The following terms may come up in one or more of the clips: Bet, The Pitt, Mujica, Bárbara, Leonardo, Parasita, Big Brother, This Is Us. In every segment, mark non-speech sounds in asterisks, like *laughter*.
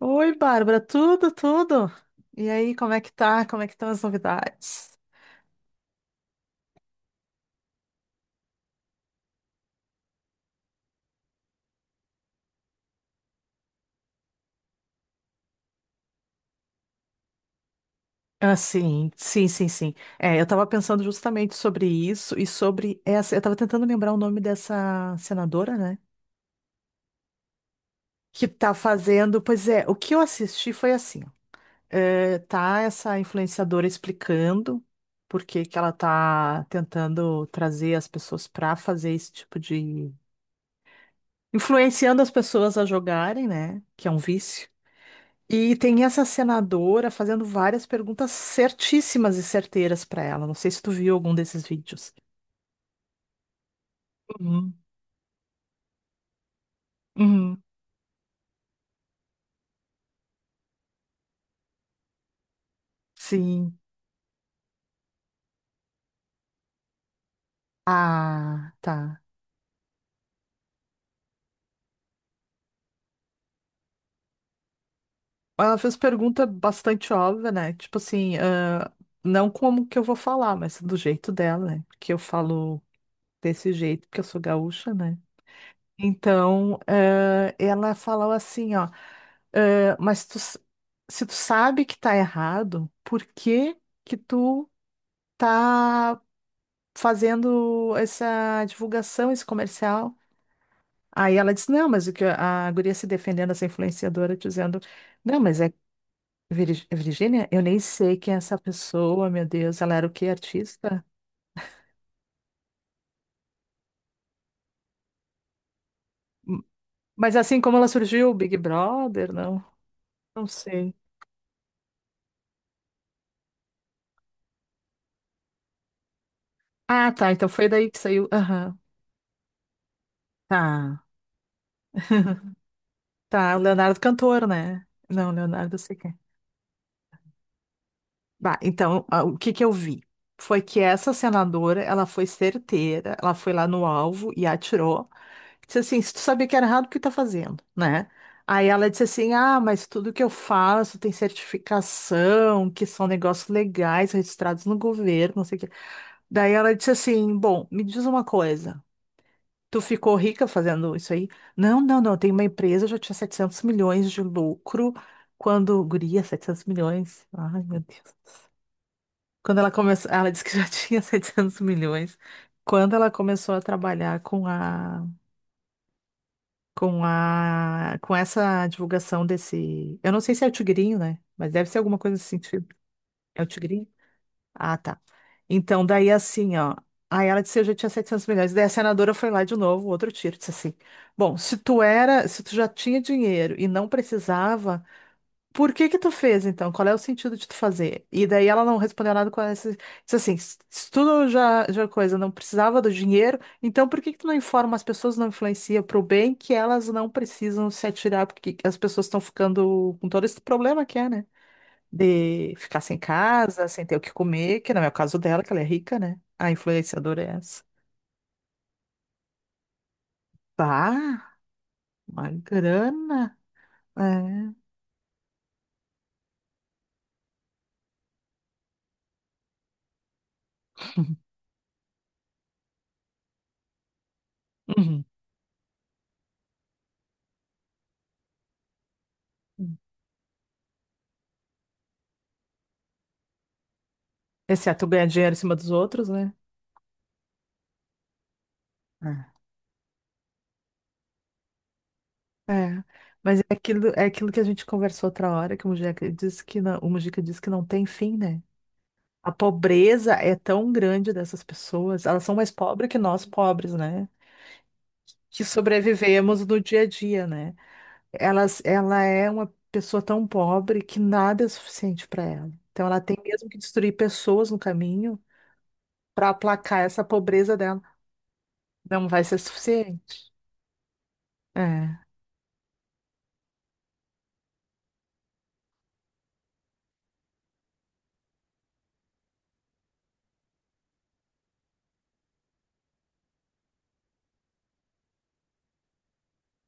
Oi, Bárbara, tudo, tudo? E aí, como é que tá? Como é que estão as novidades? Ah, sim, sim, sim, sim. É, eu tava pensando justamente sobre isso e sobre essa. Eu tava tentando lembrar o nome dessa senadora, né? Que tá fazendo. Pois é, o que eu assisti foi assim: ó, tá essa influenciadora explicando por que que ela tá tentando trazer as pessoas pra fazer esse tipo de. Influenciando as pessoas a jogarem, né? Que é um vício. E tem essa senadora fazendo várias perguntas certíssimas e certeiras para ela. Não sei se tu viu algum desses vídeos. Uhum, uhum. Sim. Ah, tá. Ela fez pergunta bastante óbvia, né? Tipo assim, ah, não como que eu vou falar, mas do jeito dela, né? Porque eu falo desse jeito, porque eu sou gaúcha, né? Então, ah, ela falou assim, ó, ah, mas tu, se tu sabe que tá errado, por que que tu tá. fazendo essa divulgação, esse comercial. Aí ela disse, não, mas o que a guria se defendendo, essa influenciadora, dizendo, não, mas é é Virgínia, eu nem sei quem é essa pessoa, meu Deus, ela era o quê, artista? Hum. Mas assim como ela surgiu, Big Brother, não, não sei. Ah, tá, então foi daí que saiu, aham, tá. *laughs* Tá, o Leonardo cantor, né? Não, Leonardo eu sei quem é. Bah, então, ah, o que que eu vi? Foi que essa senadora, ela foi certeira, ela foi lá no alvo e atirou. Disse assim, se tu sabia que era errado, o que tá fazendo, né? Aí ela disse assim, ah, mas tudo que eu faço tem certificação, que são negócios legais, registrados no governo, não sei o quê. Daí ela disse assim, bom, me diz uma coisa, tu ficou rica fazendo isso aí? Não, não, não, eu tenho uma empresa, eu já tinha 700 milhões de lucro, quando, guria, 700 milhões, ai meu Deus. Quando ela começou, ela disse que já *laughs* tinha 700 milhões. Quando ela começou a trabalhar com a, com essa divulgação desse, eu não sei se é o tigrinho, né? Mas deve ser alguma coisa nesse sentido. É o tigrinho? Ah, tá. Então, daí assim, ó. Aí ela disse, eu já tinha 700 milhões. Daí a senadora foi lá de novo, outro tiro, disse assim: "Bom, se tu era, se tu já tinha dinheiro e não precisava por que que tu fez então? Qual é o sentido de tu fazer? E daí ela não respondeu nada com essa. Disse assim: estudo já, já coisa, não precisava do dinheiro, então por que que tu não informa as pessoas, não influencia pro bem que elas não precisam se atirar, porque as pessoas estão ficando com todo esse problema que é, né? De ficar sem casa, sem ter o que comer, que não é o caso dela, que ela é rica, né? A influenciadora é essa. Tá, uma grana. É. *laughs* Uhum. Exceto ganhar dinheiro em cima dos outros, né? É, mas é aquilo que a gente conversou outra hora, que o Mujica disse que não, o Mujica disse que não tem fim, né? A pobreza é tão grande dessas pessoas, elas são mais pobres que nós pobres, né? Que sobrevivemos no dia a dia, né? Elas, ela é uma pessoa tão pobre que nada é suficiente para ela. Então ela tem mesmo que destruir pessoas no caminho para aplacar essa pobreza dela. Não vai ser suficiente. É,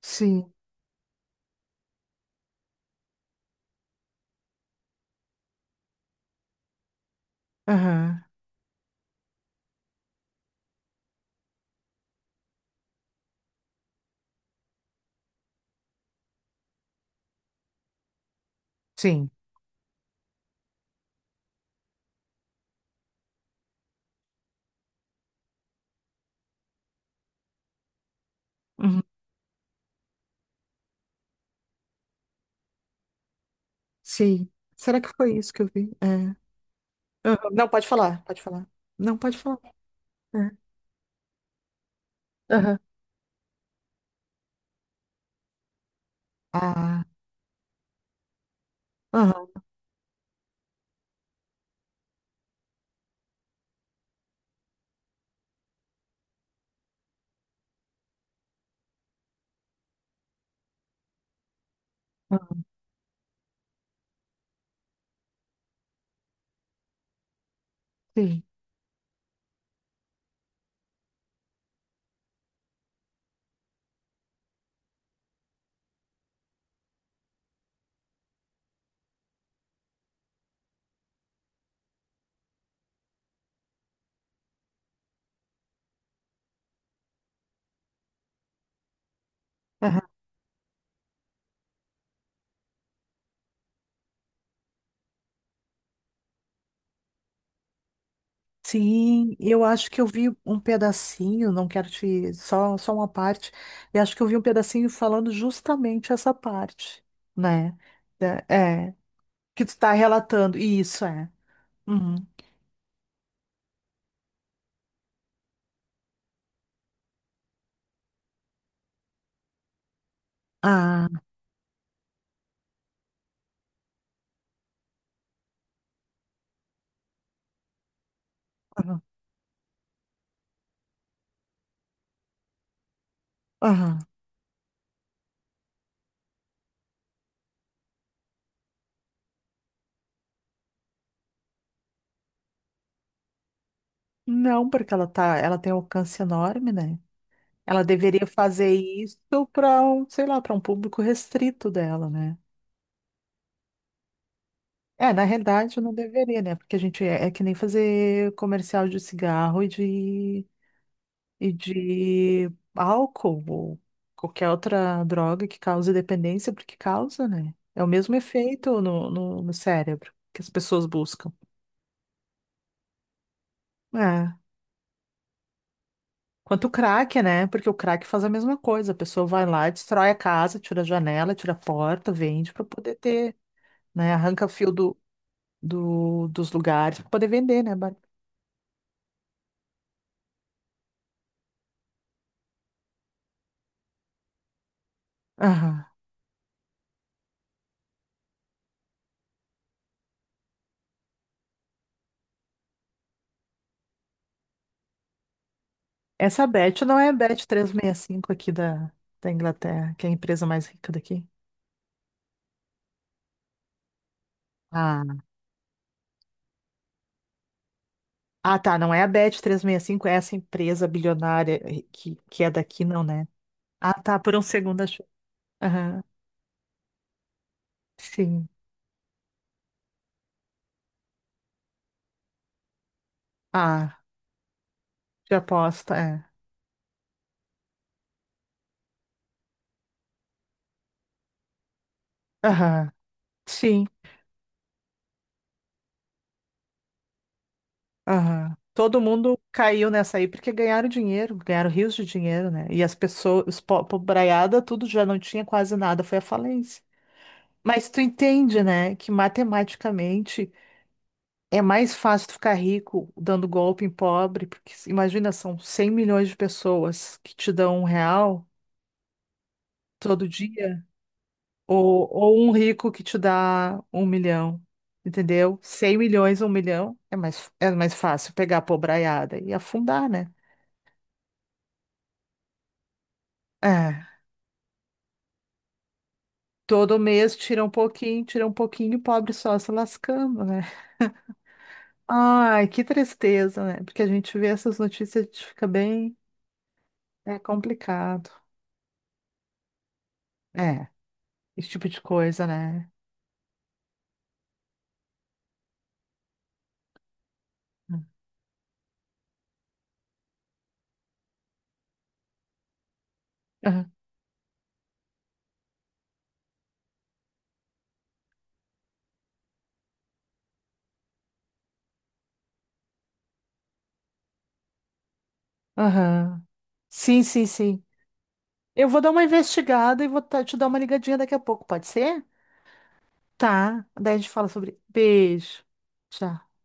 sim, aham, sim. Uhum. Sim. Será que foi isso que eu vi? É. Aham. Não, pode falar, pode falar. Não, pode falar. É. Aham. Ah, aham, aham, sim. Aham. Sim, eu acho que eu vi um pedacinho, não quero te, só, só uma parte, eu acho que eu vi um pedacinho falando justamente essa parte, né? É, que tu tá relatando, e isso é. Uhum. Ah, aham, aham. Não, porque ela tá, ela tem um alcance enorme, né? Ela deveria fazer isso para um, sei lá, para um público restrito dela, né? É, na realidade não deveria, né? Porque a gente é, é que nem fazer comercial de cigarro e de álcool ou qualquer outra droga que cause dependência, porque causa, né? É o mesmo efeito no cérebro que as pessoas buscam. É. Quanto o crack, né? Porque o crack faz a mesma coisa. A pessoa vai lá, destrói a casa, tira a janela, tira a porta, vende para poder ter né? Arranca fio dos lugares para poder vender, né, Bárbara? Aham. Essa Bet não é a Bet 365 aqui da, da Inglaterra, que é a empresa mais rica daqui. Ah, ah, tá, não é a Bet 365, é essa empresa bilionária que é daqui, não, né? Ah, tá, por um segundo achei. Aham, sim. Ah, de aposta, é. Aham, sim, aham. Todo mundo caiu nessa aí porque ganharam dinheiro, ganharam rios de dinheiro, né? E as pessoas, os pobraiada, tudo já não tinha quase nada, foi a falência. Mas tu entende, né, que matematicamente é mais fácil tu ficar rico dando golpe em pobre, porque imagina, são 100 milhões de pessoas que te dão R$ 1 todo dia, ou um rico que te dá 1 milhão, entendeu? 100 milhões, 1 milhão, é mais fácil pegar a pobraiada e afundar, né? É. Todo mês tira um pouquinho, e o pobre só se lascando, né? Ai, que tristeza, né? Porque a gente vê essas notícias, a gente fica bem. É complicado. É, esse tipo de coisa, né? Aham. Aham. Sim, sim, sim. Eu vou dar uma investigada e vou te dar uma ligadinha daqui a pouco, pode ser? Tá. Daí a gente fala sobre. Beijo. Tchau.